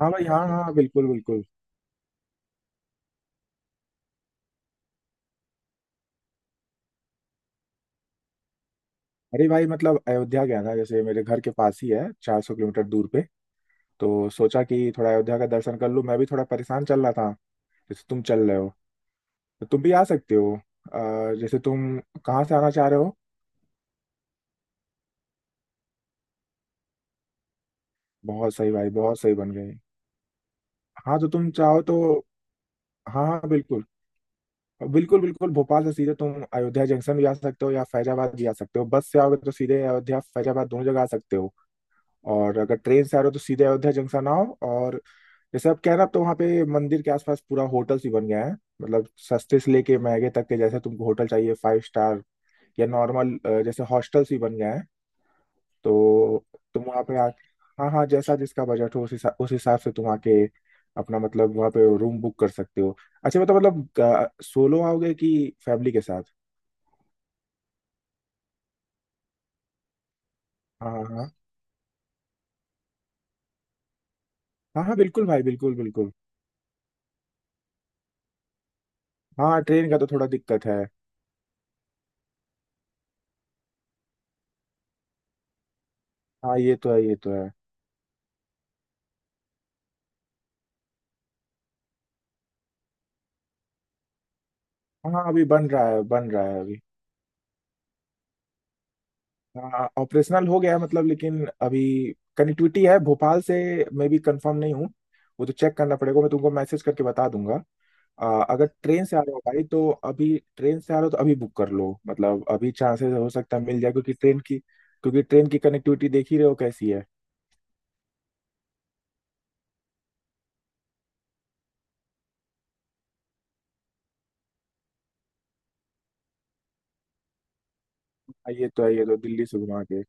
हाँ भाई, हाँ हाँ, बिल्कुल बिल्कुल। अरे भाई मतलब अयोध्या गया था, जैसे मेरे घर के पास ही है, 400 किलोमीटर दूर पे। तो सोचा कि थोड़ा अयोध्या का दर्शन कर लूँ। मैं भी थोड़ा परेशान चल रहा था जैसे तुम चल रहे हो, तो तुम भी आ सकते हो। जैसे तुम कहाँ से आना चाह रहे हो। बहुत सही भाई, बहुत सही, बन गए। हाँ तो तुम चाहो तो, हाँ हाँ बिल्कुल बिल्कुल। बिल्कुल भोपाल से सीधे तुम अयोध्या जंक्शन भी आ सकते हो या फैजाबाद भी आ सकते हो। बस से आओगे तो सीधे अयोध्या फैजाबाद दोनों जगह आ सकते हो। और अगर ट्रेन से आ रहे हो तो सीधे अयोध्या जंक्शन आओ। और जैसे आप कह रहे हो, अब तो वहाँ पे मंदिर के आसपास पूरा होटल्स ही बन गया है। मतलब सस्ते से लेके महंगे तक के, जैसे तुमको होटल चाहिए फाइव स्टार या नॉर्मल, जैसे हॉस्टल्स ही बन गए हैं। तो तुम वहाँ पे आ, हाँ हाँ जैसा जिसका बजट हो उस हिसाब से तुम आके अपना मतलब वहाँ पे रूम बुक कर सकते हो। अच्छा बताओ, मतलब सोलो आओगे कि फैमिली के साथ। हाँ हाँ हाँ हाँ, हाँ बिल्कुल भाई, बिल्कुल बिल्कुल। हाँ ट्रेन का तो थोड़ा दिक्कत है। हाँ ये तो है, ये तो है। हाँ अभी बन रहा है, बन रहा है अभी। हाँ ऑपरेशनल हो गया है मतलब, लेकिन अभी कनेक्टिविटी है भोपाल से मैं भी कंफर्म नहीं हूँ। वो तो चेक करना पड़ेगा, मैं तुमको मैसेज करके बता दूंगा। अगर ट्रेन से आ रहे हो भाई तो अभी, ट्रेन से आ रहे हो तो अभी बुक कर लो, मतलब अभी चांसेस हो सकता है मिल जाए। क्योंकि ट्रेन की, कनेक्टिविटी देख ही रहे हो कैसी है। ये तो है, ये तो दिल्ली से घुमा के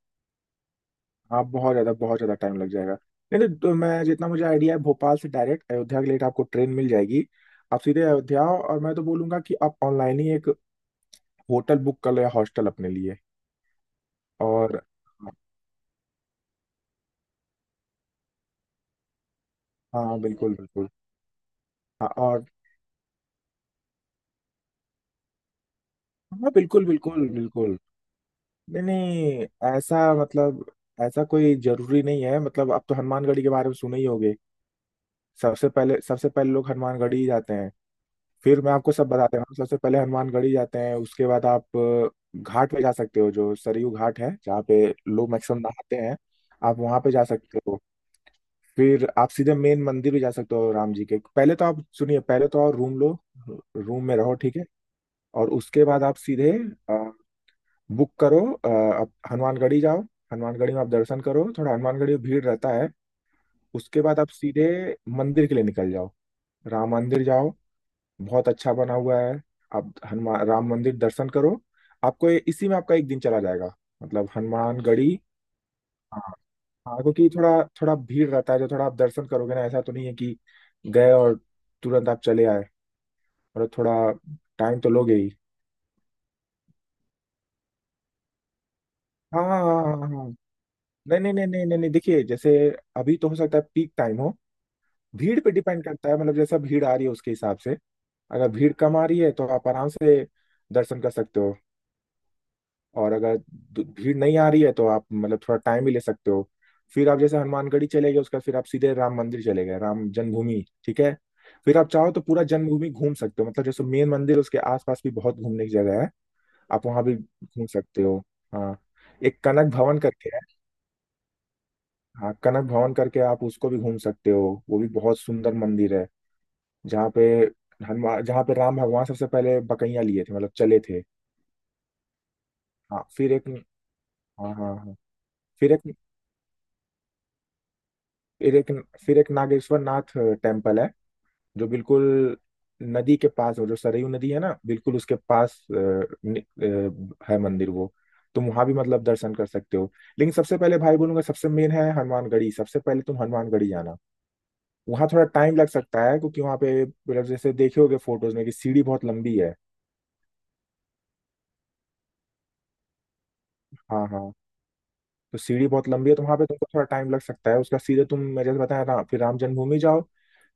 हाँ बहुत ज़्यादा, बहुत ज़्यादा टाइम लग जाएगा। नहीं तो मैं जितना मुझे आइडिया है, भोपाल से डायरेक्ट अयोध्या के लिए आपको ट्रेन मिल जाएगी। आप सीधे अयोध्या आओ और मैं तो बोलूंगा कि आप ऑनलाइन ही एक होटल बुक कर लिया हॉस्टल अपने लिए। और हाँ बिल्कुल बिल्कुल। हाँ, और हाँ बिल्कुल बिल्कुल बिल्कुल। नहीं नहीं, ऐसा मतलब ऐसा कोई जरूरी नहीं है। मतलब आप तो हनुमानगढ़ी के बारे में सुने ही होगे। सबसे पहले, सबसे पहले लोग हनुमानगढ़ी ही जाते हैं। फिर मैं आपको सब बताते हैं। सबसे पहले हनुमानगढ़ी जाते हैं, उसके बाद आप घाट पे जा सकते हो, जो सरयू घाट है जहाँ पे लोग मैक्सिमम नहाते हैं। आप वहाँ पे जा सकते हो। फिर आप सीधे मेन मंदिर भी जा सकते हो राम जी के। पहले तो आप सुनिए, पहले तो आप रूम लो, रूम में रहो, ठीक है। और उसके बाद आप सीधे अ, बुक करो। आप हनुमानगढ़ी जाओ, हनुमानगढ़ी में आप दर्शन करो, थोड़ा हनुमानगढ़ी में भीड़ रहता है। उसके बाद आप सीधे मंदिर के लिए निकल जाओ, राम मंदिर जाओ। बहुत अच्छा बना हुआ है। आप हनुमान राम मंदिर दर्शन करो। इसी में आपका एक दिन चला जाएगा, मतलब हनुमानगढ़ी। हाँ, हाँ क्योंकि थोड़ा, थोड़ा भीड़ रहता है। जो थोड़ा आप दर्शन करोगे ना, ऐसा तो नहीं है कि गए और तुरंत आप चले आए। और थोड़ा टाइम तो लोगे ही। हाँ हाँ हाँ हाँ हाँ। नहीं नहीं नहीं नहीं नहीं नहीं, देखिए जैसे अभी तो हो सकता है पीक टाइम हो। भीड़ पे डिपेंड करता है, मतलब जैसा भीड़ आ रही है उसके हिसाब से। अगर भीड़ कम आ रही है तो आप आराम से दर्शन कर सकते हो। और अगर भीड़ नहीं आ रही है तो आप मतलब थोड़ा टाइम भी ले सकते हो। फिर आप जैसे हनुमानगढ़ी चले गए, उसके बाद फिर आप सीधे राम मंदिर चले गए, राम जन्मभूमि, ठीक है। फिर आप चाहो तो पूरा जन्मभूमि घूम सकते हो। मतलब जैसे मेन मंदिर, उसके आसपास भी बहुत घूमने की जगह है। आप वहां भी घूम सकते हो। हाँ, एक कनक भवन करके है। हाँ, कनक भवन करके आप उसको भी घूम सकते हो, वो भी बहुत सुंदर मंदिर है। जहाँ पे हनुमान, जहाँ पे राम भगवान सबसे पहले बकैया लिए थे, मतलब चले थे। हाँ, फिर एक, हाँ हाँ हाँ। फिर एक फिर एक फिर एक नागेश्वर नाथ टेम्पल है जो बिल्कुल नदी के पास हो, जो सरयू नदी है ना, बिल्कुल उसके पास है मंदिर वो। तुम वहां भी मतलब दर्शन कर सकते हो। लेकिन सबसे पहले भाई बोलूंगा सबसे मेन है हनुमानगढ़ी, सबसे पहले तुम हनुमानगढ़ी जाना। वहाँ थोड़ा टाइम लग सकता है क्योंकि वहाँ पे मतलब जैसे देखे होगे फोटोज में कि सीढ़ी बहुत लंबी है। हाँ हाँ, तो सीढ़ी बहुत लंबी है, तो वहाँ पे तुमको थोड़ा टाइम लग सकता है उसका। सीधे तुम, मैं जैसे बताया ना, फिर राम जन्मभूमि जाओ,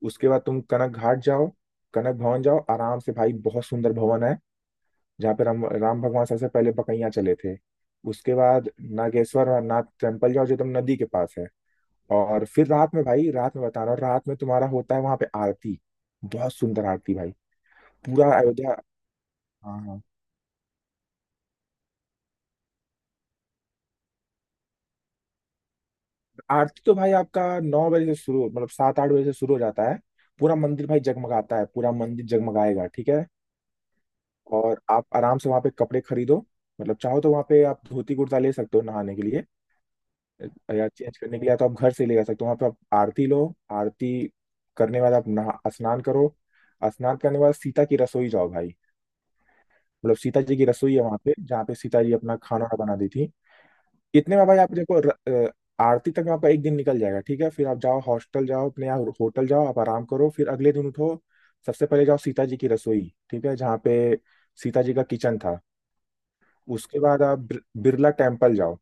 उसके बाद तुम कनक घाट जाओ, कनक भवन जाओ आराम से भाई, बहुत सुंदर भवन है, जहाँ पे राम, राम भगवान सबसे पहले पकैया चले थे। उसके बाद नागेश्वर नाथ टेम्पल जाओ जो एकदम नदी के पास है। और फिर रात में भाई, रात में बता रहा हूँ, रात में तुम्हारा होता है वहां पे आरती। बहुत सुंदर आरती भाई, पूरा अयोध्या। हाँ हाँ, आरती तो भाई आपका 9 बजे से शुरू, मतलब 7-8 बजे से शुरू हो जाता है। पूरा मंदिर भाई जगमगाता है, पूरा मंदिर जगमगाएगा, ठीक है। और आप आराम से वहाँ पे कपड़े खरीदो, मतलब चाहो तो वहाँ पे आप धोती कुर्ता ले सकते हो नहाने के लिए या चेंज करने के लिए, या तो आप घर से ले जा सकते हो। वहाँ पे आप आरती लो, आरती करने के बाद आप नहा, स्नान करो। स्नान करने के बाद सीता की रसोई जाओ भाई। मतलब सीता जी की रसोई है वहाँ पे, जहाँ पे सीता जी अपना खाना वाना बना दी थी। इतने में भाई आप देखो आरती तक में आपका एक दिन निकल जाएगा, ठीक है। फिर आप जाओ हॉस्टल जाओ अपने, यहाँ होटल जाओ, आप आराम करो। फिर अगले दिन उठो, सबसे पहले जाओ सीता जी की रसोई, ठीक है, जहाँ पे सीता जी का किचन था। उसके बाद आप बिरला टेम्पल जाओ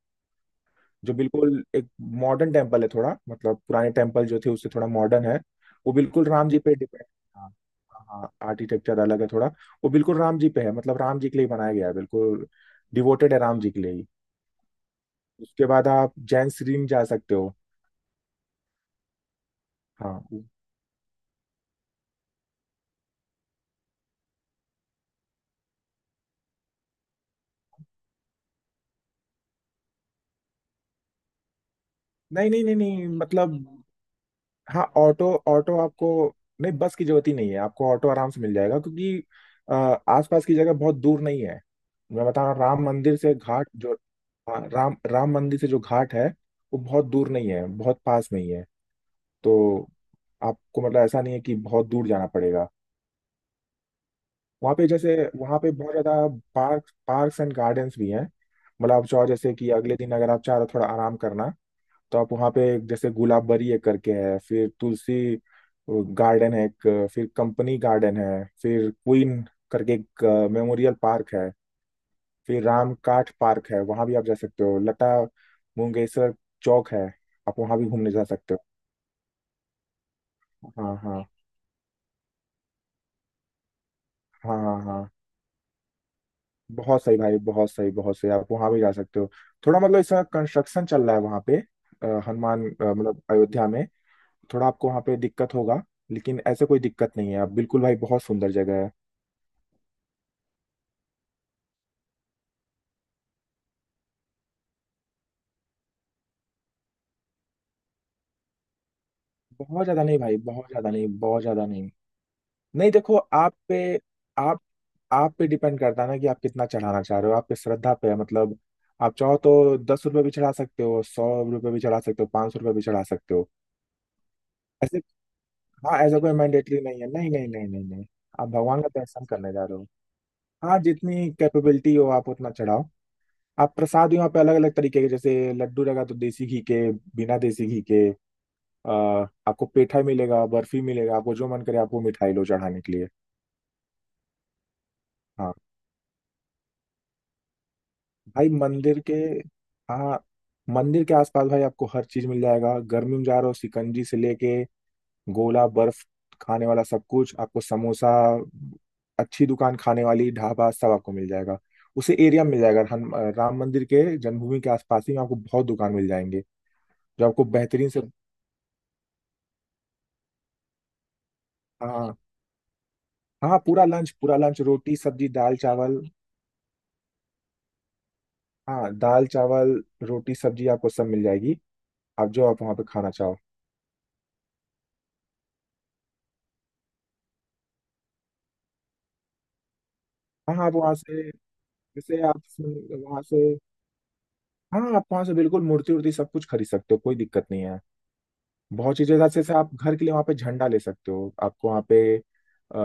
जो बिल्कुल एक मॉडर्न टेम्पल है थोड़ा। मतलब पुराने टेम्पल जो थे उससे थोड़ा मॉडर्न है। वो बिल्कुल राम जी पे डिपेंड, हाँ हाँ आर्किटेक्चर अलग है थोड़ा। वो बिल्कुल राम जी पे है, मतलब राम जी के लिए बनाया गया है बिल्कुल, डिवोटेड है राम जी के लिए ही। उसके बाद आप जैन श्रीन जा सकते हो। हाँ नहीं नहीं नहीं नहीं, मतलब हाँ ऑटो ऑटो आपको, नहीं बस की जरूरत ही नहीं है, आपको ऑटो आराम से मिल जाएगा क्योंकि अ, आसपास की जगह बहुत दूर नहीं है। मैं बता रहा हूँ, राम मंदिर से घाट जो, हाँ, राम राम मंदिर से जो घाट है वो बहुत दूर नहीं है, बहुत पास में ही है। तो आपको मतलब ऐसा नहीं है कि बहुत दूर जाना पड़ेगा। वहाँ पे जैसे, वहाँ पे बहुत ज़्यादा पार्क, पार्क्स एंड गार्डन्स भी हैं। मतलब आप चाहो, जैसे कि अगले दिन अगर आप चाह रहे हो थोड़ा आराम करना, तो आप वहाँ पे जैसे गुलाबबरी एक करके है, फिर तुलसी गार्डन है एक, फिर कंपनी गार्डन है, फिर क्वीन करके एक मेमोरियल पार्क है, फिर राम काठ पार्क है, वहाँ भी आप जा सकते हो। लता मंगेशकर चौक है, आप वहाँ भी घूमने जा सकते हो। हाँ हाँ हाँ हाँ हाँ, बहुत सही भाई, बहुत सही बहुत सही। आप वहाँ भी जा सकते हो। थोड़ा मतलब इस समय कंस्ट्रक्शन चल रहा है वहाँ पे, मतलब अयोध्या में थोड़ा आपको वहाँ पे दिक्कत होगा। लेकिन ऐसे कोई दिक्कत नहीं है, आप बिल्कुल भाई, बहुत सुंदर जगह है। बहुत ज्यादा नहीं भाई, बहुत ज्यादा नहीं, बहुत ज्यादा नहीं। नहीं देखो आप आप पे डिपेंड करता है ना, कि आप कितना चढ़ाना चाह रहे हो, आपकी श्रद्धा पे है। मतलब आप चाहो तो 10 रुपये भी चढ़ा सकते हो, 100 रुपये भी चढ़ा सकते हो, 500 रुपये भी चढ़ा सकते हो। ऐसे, हाँ ऐसा कोई मैंडेटरी नहीं है, नहीं नहीं नहीं नहीं नहीं। आप भगवान का दर्शन करने जा रहे हो, हाँ जितनी कैपेबिलिटी हो आप उतना चढ़ाओ। आप प्रसाद भी वहाँ पे अलग अलग तरीके के, जैसे लड्डू लगा तो देसी घी के, बिना देसी घी के। अ, आपको पेठा मिलेगा, बर्फी मिलेगा, आपको जो मन करे आपको मिठाई लो चढ़ाने के लिए। हाँ भाई मंदिर के, हाँ मंदिर के आसपास भाई आपको हर चीज मिल जाएगा। गर्मी में जा रहे हो, शिकंजी से लेके गोला बर्फ खाने वाला सब कुछ, आपको समोसा, अच्छी दुकान खाने वाली ढाबा, सब आपको मिल जाएगा। उसे एरिया में मिल जाएगा, हम राम मंदिर के, जन्मभूमि के आसपास ही में आपको बहुत दुकान मिल जाएंगे, जो आपको बेहतरीन से। हाँ हाँ, पूरा लंच, पूरा लंच रोटी सब्जी दाल चावल। हाँ दाल चावल रोटी सब्जी आपको सब मिल जाएगी, आप जो आप वहाँ पे खाना चाहो। हाँ आप वहाँ से, जैसे आप वहां से, हाँ आप वहां से बिल्कुल मूर्ति उर्ति सब कुछ खरीद सकते हो, कोई दिक्कत नहीं है। बहुत चीजें जैसे, जैसे आप घर के लिए वहां पे झंडा ले सकते हो। आपको वहां पे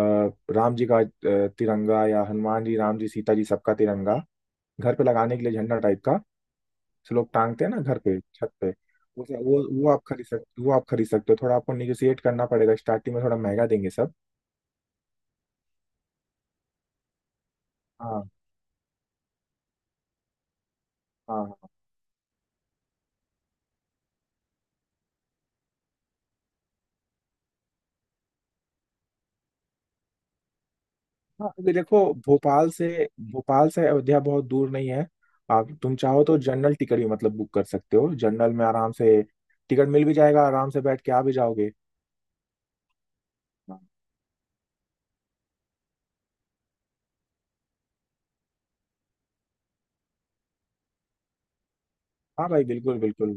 राम जी का तिरंगा, या हनुमान जी राम जी सीता जी सबका तिरंगा, घर पे लगाने के लिए झंडा टाइप का, जो लोग टांगते हैं ना घर पे छत पे। वो आप खरीद सकते हो। थोड़ा आपको निगोशिएट करना पड़ेगा, स्टार्टिंग में थोड़ा महंगा देंगे सब। हाँ हाँ हाँ। हाँ अभी देखो, भोपाल से भोपाल से अयोध्या बहुत दूर नहीं है। आप, तुम चाहो तो जनरल टिकट भी मतलब बुक कर सकते हो, जनरल में आराम से टिकट मिल भी जाएगा, आराम से बैठ के आ भी जाओगे। हाँ हाँ भाई बिल्कुल बिल्कुल।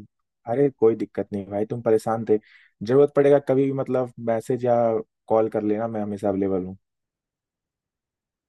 अरे कोई दिक्कत नहीं भाई, तुम परेशान थे। जरूरत पड़ेगा कभी भी मतलब मैसेज या कॉल कर लेना, मैं हमेशा अवेलेबल हूँ।